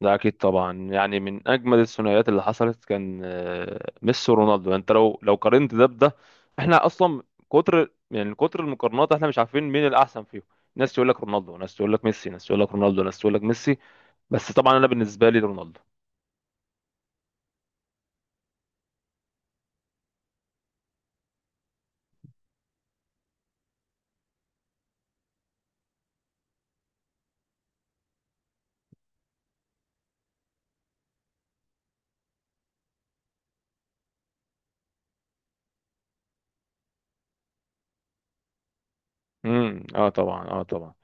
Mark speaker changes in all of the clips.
Speaker 1: ده اكيد طبعا يعني من اجمل الثنائيات اللي حصلت كان ميسي ورونالدو. يعني انت لو قارنت ده بده، احنا اصلا كتر، يعني كتر المقارنات، احنا مش عارفين مين الاحسن فيهم. ناس تقول لك رونالدو، ناس تقول لك ميسي، ناس تقول لك رونالدو، ناس تقول لك ميسي، بس طبعا انا بالنسبه لي رونالدو. اه طبعا، اه طبعا.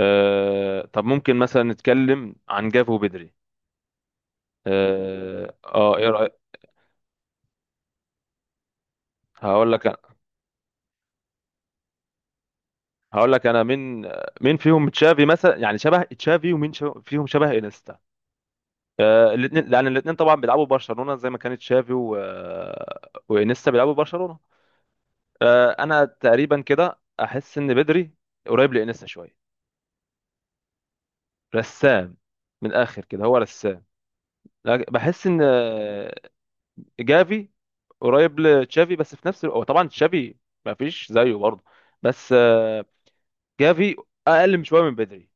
Speaker 1: طب ممكن مثلا نتكلم عن جافو بدري. ايه رايك؟ هقول لك هقول لك انا مين، مين فيهم تشافي مثلا، يعني شبه تشافي، ومين شبه فيهم شبه انستا الاثنين، لان الاثنين طبعا بيلعبوا برشلونه زي ما كانت شافي وانيستا بيلعبوا برشلونه. انا تقريبا كده احس ان بدري قريب لانيستا شويه، رسام، من الاخر كده هو رسام. لكن بحس ان جافي قريب لتشافي، بس في نفس الوقت هو طبعا تشافي ما فيش زيه برضه بس جافي اقل من شويه من بدري.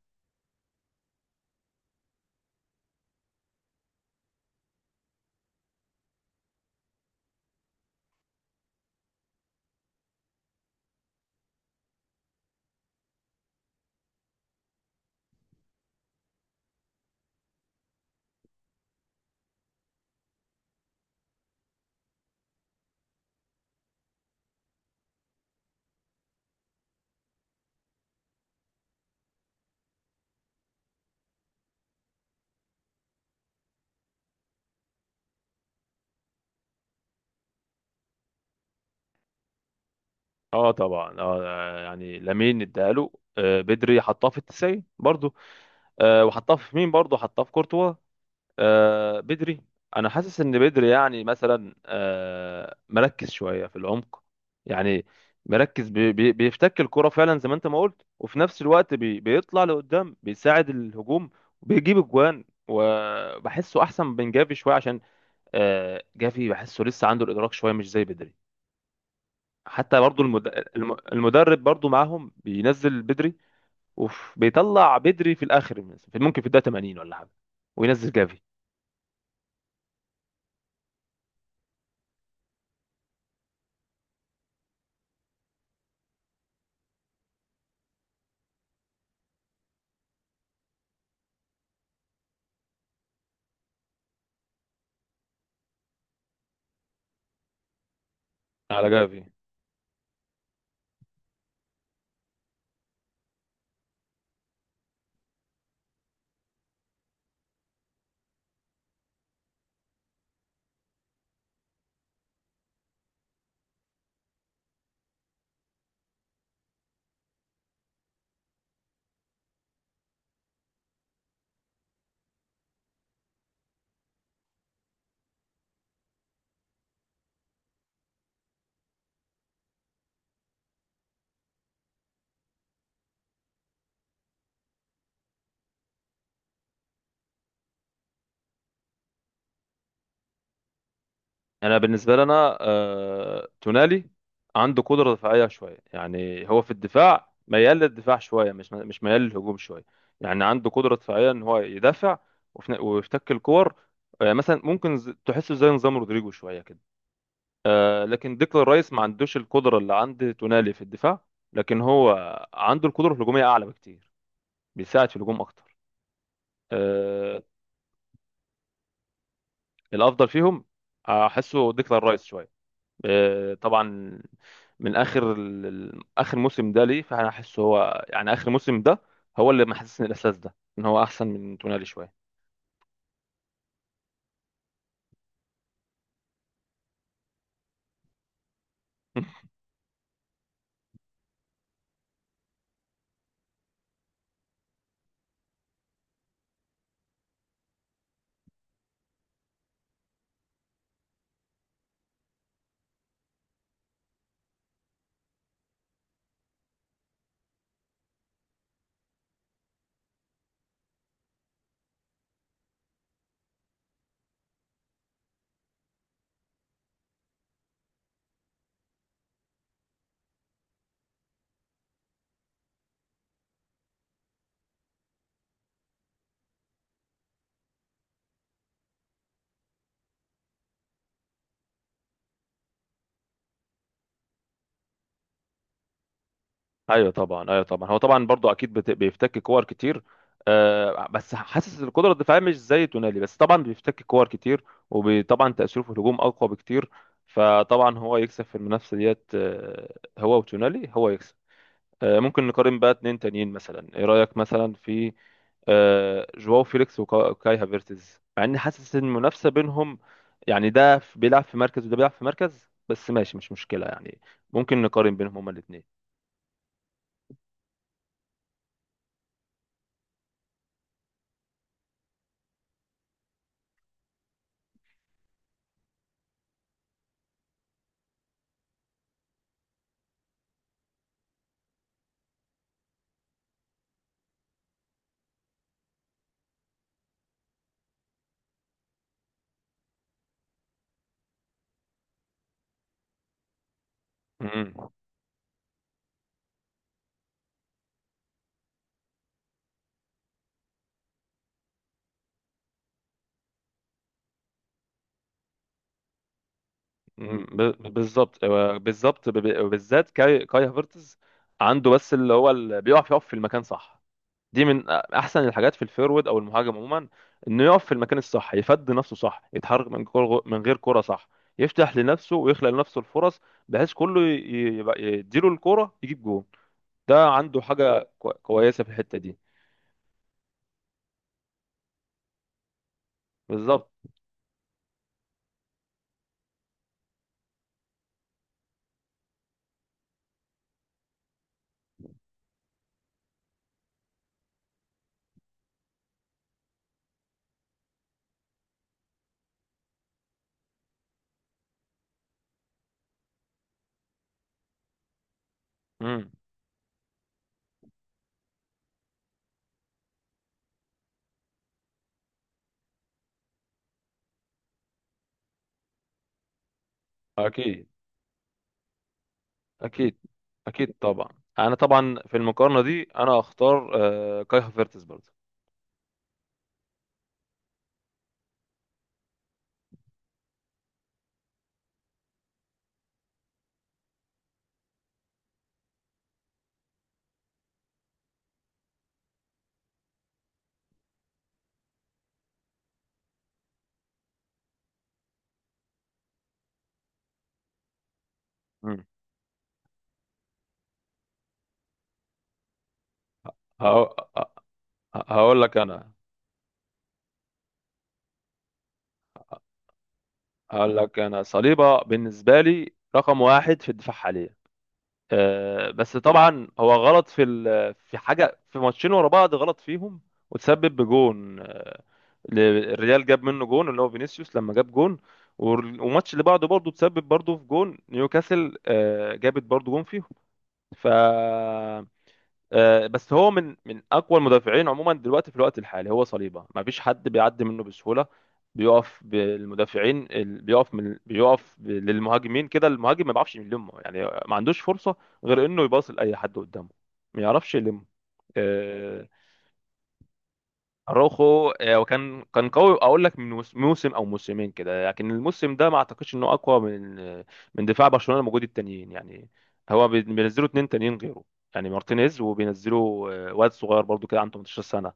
Speaker 1: اه طبعا، اه يعني لامين اداله، بدري حطاه في التسعين برضه، وحطاه في مين؟ برضه حطاه في كورتوا. بدري، انا حاسس ان بدري يعني مثلا مركز شويه في العمق، يعني مركز بي بي بيفتك الكرة فعلا زي ما انت ما قلت، وفي نفس الوقت بيطلع لقدام، بيساعد الهجوم وبيجيب اجوان، وبحسه احسن من جافي شويه، عشان جافي بحسه لسه عنده الادراك شويه مش زي بدري. حتى برضو المدرب برضو معاهم، بينزل بدري وبيطلع بدري في الاخر مثلاً، ممكن في الدقيقه 80 ولا حاجه وينزل جافي. على جافي. انا بالنسبه لنا، تونالي عنده قدره دفاعيه شويه، يعني هو في الدفاع ميال للدفاع شويه، مش ميال للهجوم شويه، يعني عنده قدره دفاعيه ان هو يدافع وفي- ن- ويفتك الكور. مثلا ممكن تحسه زي نظام رودريجو شويه كده. لكن ديكلان رايس ما عندوش القدره اللي عند تونالي في الدفاع، لكن هو عنده القدره الهجوميه اعلى بكتير، بيساعد في الهجوم اكتر. آه، الافضل فيهم احسه ديكلان رايس شويه. طبعا من اخر اخر موسم ده ليه، فانا احس هو يعني اخر موسم ده هو اللي محسسني الاحساس ده، ان هو احسن من تونالي شويه. ايوه طبعا، ايوه طبعا، هو طبعا برضو اكيد بيفتك كور كتير. بس حاسس القدره الدفاعيه مش زي تونالي، بس طبعا بيفتك كور كتير، وطبعا تاثيره في الهجوم اقوى بكتير، فطبعا هو يكسب في المنافسه ديت. هو وتونالي، هو يكسب. ممكن نقارن بقى اتنين تانيين مثلا. ايه رأيك مثلا في جواو فيليكس وكا- وكاي هافيرتز؟ مع اني حاسس ان المنافسة بينهم، يعني ده بيلعب في مركز وده بيلعب في مركز، بس ماشي مش مشكلة، يعني ممكن نقارن بينهم هما الاتنين. مم. بالظبط، بالظبط، بالذات كاي هافيرتز عنده بس اللي هو اللي بيقف، يقف في المكان صح. دي من احسن الحاجات في الفيرود او المهاجم عموما، انه يقف في المكان الصح، يفد نفسه صح، يتحرك من كرة من غير كرة صح، يفتح لنفسه ويخلق لنفسه الفرص، بحيث كله يبقى يديله الكرة يجيب جون. ده عنده حاجة كويسة في الحتة دي. بالظبط. امم. اكيد، اكيد، اكيد طبعا. انا طبعا في المقارنة دي انا اختار كاي هافيرتز برضه. امم. هقو- هقول لك انا هقول لك انا صليبة بالنسبة لي رقم واحد في الدفاع حاليا. بس طبعا هو غلط في حاجه، في ماتشين ورا بعض غلط فيهم، وتسبب بجون. ل- الريال جاب منه جون، اللي هو فينيسيوس لما جاب جون. والماتش اللي بعده برضه تسبب برضه في جون نيوكاسل، جابت برضه جون فيهم. ف آه، بس هو من اقوى المدافعين عموما دلوقتي في الوقت الحالي، هو صليبه، ما فيش حد بيعدي منه بسهوله. بيقف بالمدافعين بيقف للمهاجمين كده، المهاجم ما بيعرفش يلمه، يعني ما عندوش فرصه غير انه يباص لاي حد قدامه، ما يعرفش يلم. اروخو، وكان قوي، اقول لك من موسم او موسمين كده، لكن الموسم ده ما اعتقدش انه اقوى من من دفاع برشلونة الموجود، التانيين يعني، هو بينزلوا اتنين تانيين غيره، يعني مارتينيز، وبينزلوا واد صغير برضو كده عنده 18 سنة.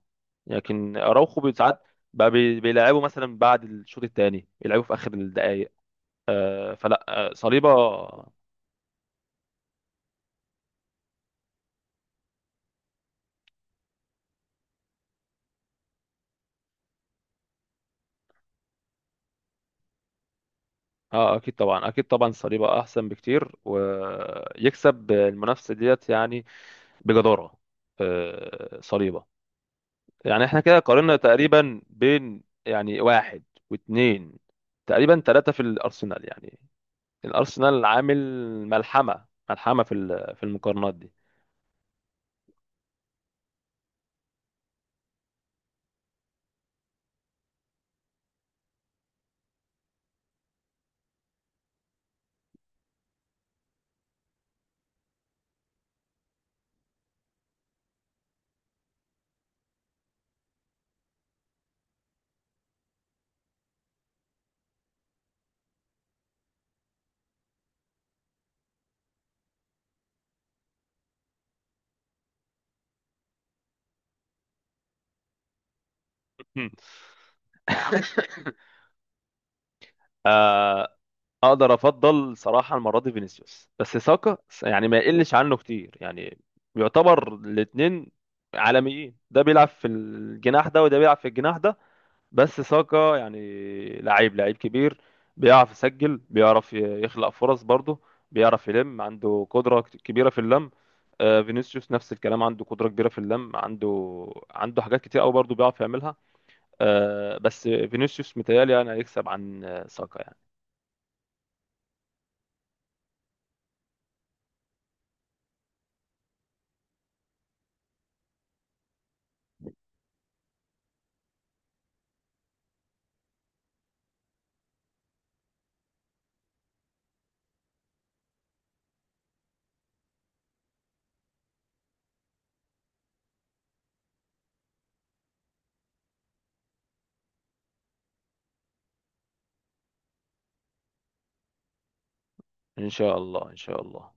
Speaker 1: لكن اراوخو ساعات بقى بيلعبوا مثلا بعد الشوط الثاني، يلعبوا في اخر الدقائق. آه، فلا آه، صليبا. اه اكيد طبعا، اكيد طبعا، صليبا احسن بكتير ويكسب المنافسة ديت يعني بجدارة. صليبة. يعني احنا كده قارنا تقريبا بين يعني واحد واتنين، تقريبا تلاتة في الأرسنال، يعني الأرسنال عامل ملحمة في المقارنات دي. اقدر افضل صراحه المره دي فينيسيوس، بس ساكا يعني ما يقلش عنه كتير يعني، يعتبر الاثنين عالميين، ده بيلعب في الجناح ده وده بيلعب في الجناح ده، بس ساكا يعني لعيب، لعيب كبير، بيعرف يسجل، بيعرف يخلق فرص برضه، بيعرف يلم، عنده قدرة كبيرة في اللم. فينيسيوس نفس الكلام، عنده قدرة كبيرة في اللم، عنده حاجات كتير قوي برضه بيعرف يعملها. بس فينيسيوس متهيألي يعني هيكسب عن ساكا يعني. إن شاء الله، إن شاء الله.